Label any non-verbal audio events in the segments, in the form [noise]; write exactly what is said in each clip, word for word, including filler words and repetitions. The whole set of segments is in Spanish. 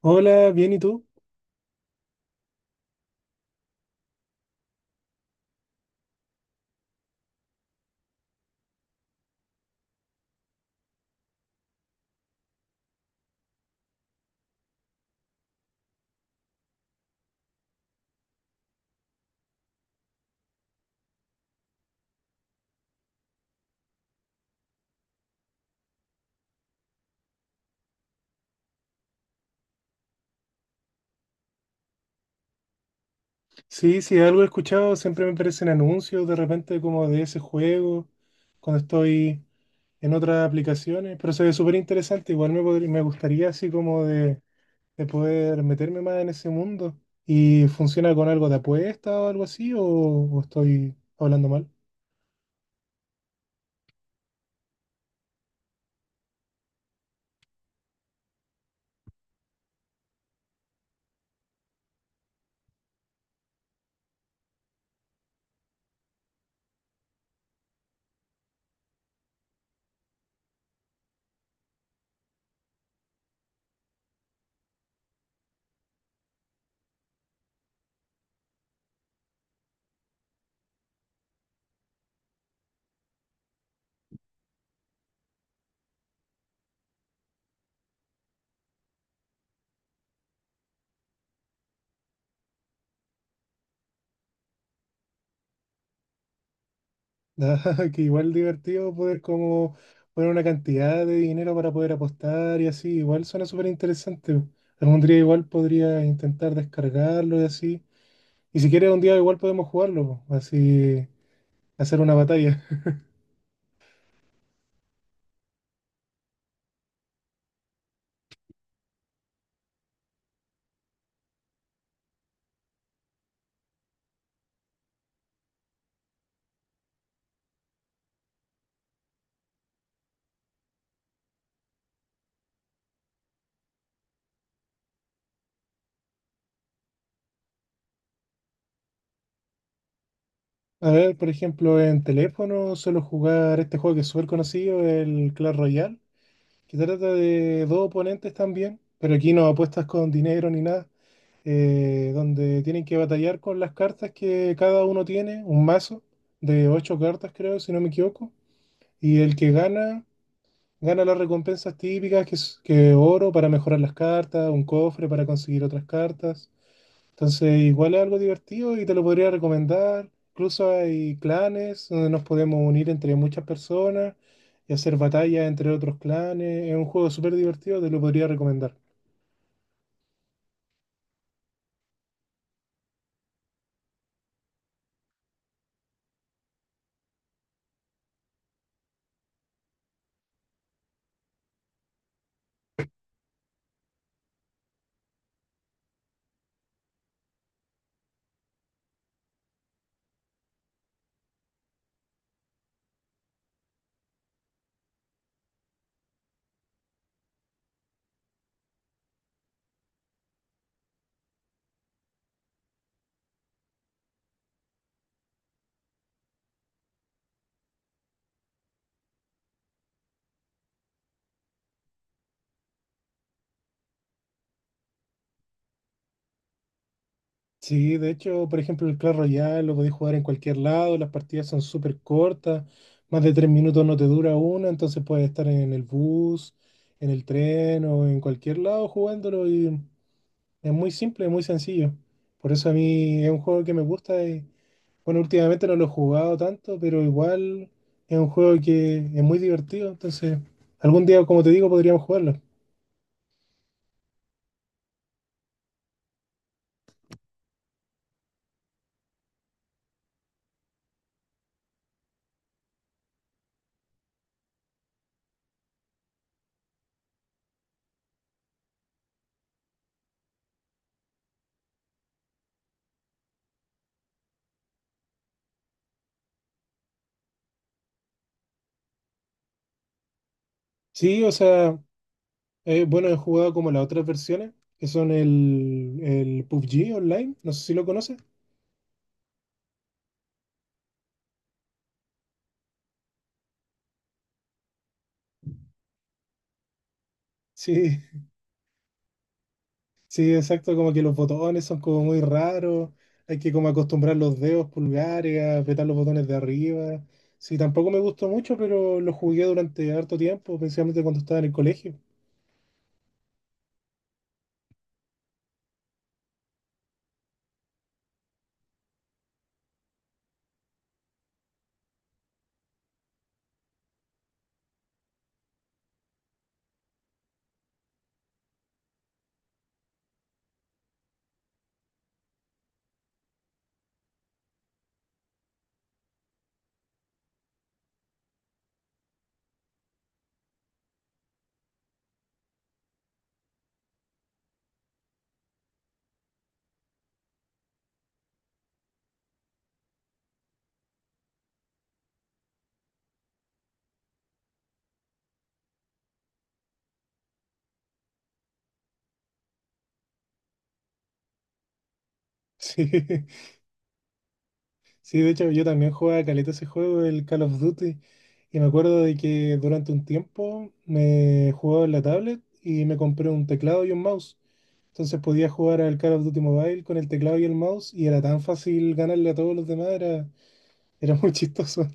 Hola, bien, ¿y tú? Sí, sí, algo he escuchado, siempre me aparecen anuncios de repente como de ese juego, cuando estoy en otras aplicaciones, pero se ve súper interesante, igual me, podría- me gustaría así como de, de poder meterme más en ese mundo. ¿Y funciona con algo de apuesta o algo así? ¿O, o estoy hablando mal? [laughs] Nada, que igual divertido poder como poner una cantidad de dinero para poder apostar y así, igual suena súper interesante. Algún día igual podría intentar descargarlo y así. Y si quieres un día igual podemos jugarlo, po, así hacer una batalla. [laughs] A ver, por ejemplo, en teléfono suelo jugar este juego que es súper conocido, el Clash Royale, que trata de dos oponentes también, pero aquí no apuestas con dinero ni nada, eh, donde tienen que batallar con las cartas que cada uno tiene, un mazo de ocho cartas creo, si no me equivoco, y el que gana gana las recompensas típicas, que es que oro para mejorar las cartas, un cofre para conseguir otras cartas. Entonces, igual es algo divertido y te lo podría recomendar. Incluso hay clanes donde nos podemos unir entre muchas personas y hacer batallas entre otros clanes. Es un juego súper divertido, te lo podría recomendar. Sí, de hecho, por ejemplo, el Clash Royale lo podéis jugar en cualquier lado, las partidas son súper cortas, más de tres minutos no te dura una, entonces puedes estar en el bus, en el tren o en cualquier lado jugándolo y es muy simple, muy sencillo. Por eso a mí es un juego que me gusta y, bueno, últimamente no lo he jugado tanto, pero igual es un juego que es muy divertido, entonces algún día, como te digo, podríamos jugarlo. Sí, o sea, Eh, bueno, he jugado como las otras versiones, que son el, el pubg Online, no sé si lo conoces. Sí, [laughs] sí, exacto, como que los botones son como muy raros, hay que como acostumbrar los dedos pulgares, a apretar los botones de arriba. Sí, tampoco me gustó mucho, pero lo jugué durante harto tiempo, principalmente cuando estaba en el colegio. [laughs] Sí. Sí, de hecho yo también jugaba caleta ese juego, el Call of Duty, y me acuerdo de que durante un tiempo me jugaba en la tablet y me compré un teclado y un mouse. Entonces podía jugar al Call of Duty Mobile con el teclado y el mouse y era tan fácil ganarle a todos los demás, era, era muy [laughs] chistoso.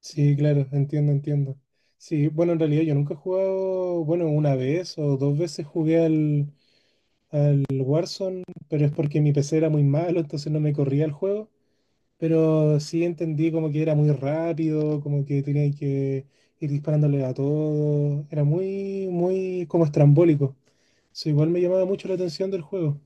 Sí, claro, entiendo, entiendo. Sí, bueno, en realidad yo nunca he jugado, bueno, una vez o dos veces jugué al, al Warzone, pero es porque mi P C era muy malo, entonces no me corría el juego. Pero sí entendí como que era muy rápido, como que tenía que ir disparándole a todo. Era muy, muy como estrambólico. Eso igual me llamaba mucho la atención del juego.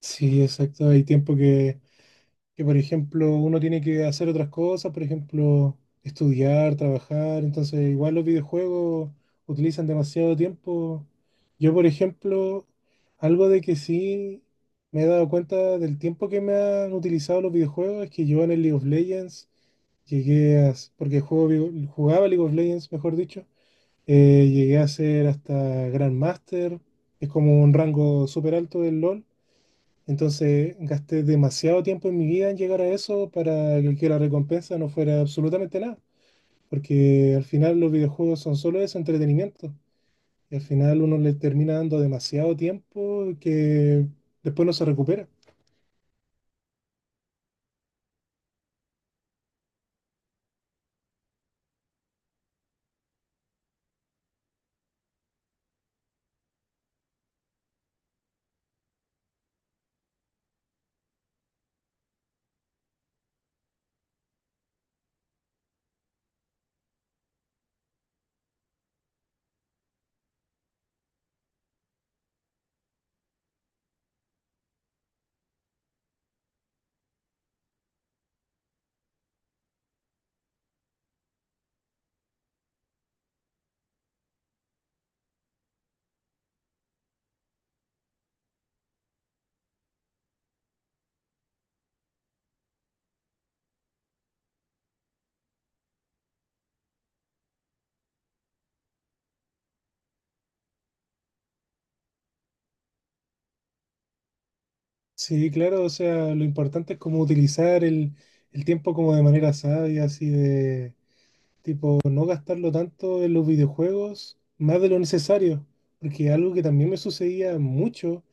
Sí, exacto. Hay tiempo que que por ejemplo uno tiene que hacer otras cosas, por ejemplo, estudiar, trabajar, entonces igual los videojuegos utilizan demasiado tiempo. Yo, por ejemplo, algo de que sí me he dado cuenta del tiempo que me han utilizado los videojuegos es que yo en el League of Legends llegué a, porque juego, video- jugaba League of Legends, mejor dicho, eh, llegué a ser hasta Grandmaster, que es como un rango súper alto del LoL. Entonces gasté demasiado tiempo en mi vida en llegar a eso para que que la recompensa no fuera absolutamente nada, porque al final los videojuegos son solo eso, entretenimiento. Y al final uno le termina dando demasiado tiempo que después no se recupera. Sí, claro, o sea, lo importante es como utilizar el, el tiempo como de manera sabia, así de tipo, no gastarlo tanto en los videojuegos, más de lo necesario, porque algo que también me sucedía mucho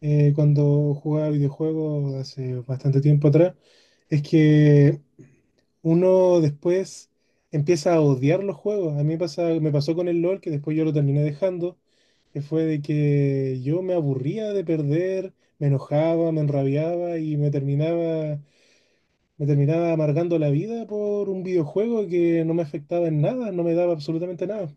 eh, cuando jugaba videojuegos hace bastante tiempo atrás, es que uno después empieza a odiar los juegos. A mí me pasa, me pasó con el LOL, que después yo lo terminé dejando, que fue de que yo me aburría de perder, me enojaba, me enrabiaba y me terminaba me terminaba amargando la vida por un videojuego que no me afectaba en nada, no me daba absolutamente nada.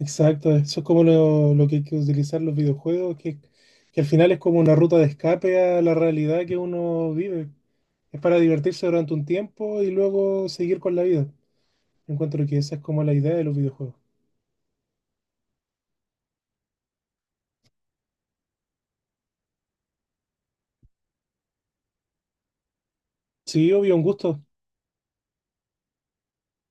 Exacto, eso es como lo, lo que hay que utilizar los videojuegos, que, que al final es como una ruta de escape a la realidad que uno vive. Es para divertirse durante un tiempo y luego seguir con la vida. Encuentro que esa es como la idea de los videojuegos. Sí, obvio, un gusto.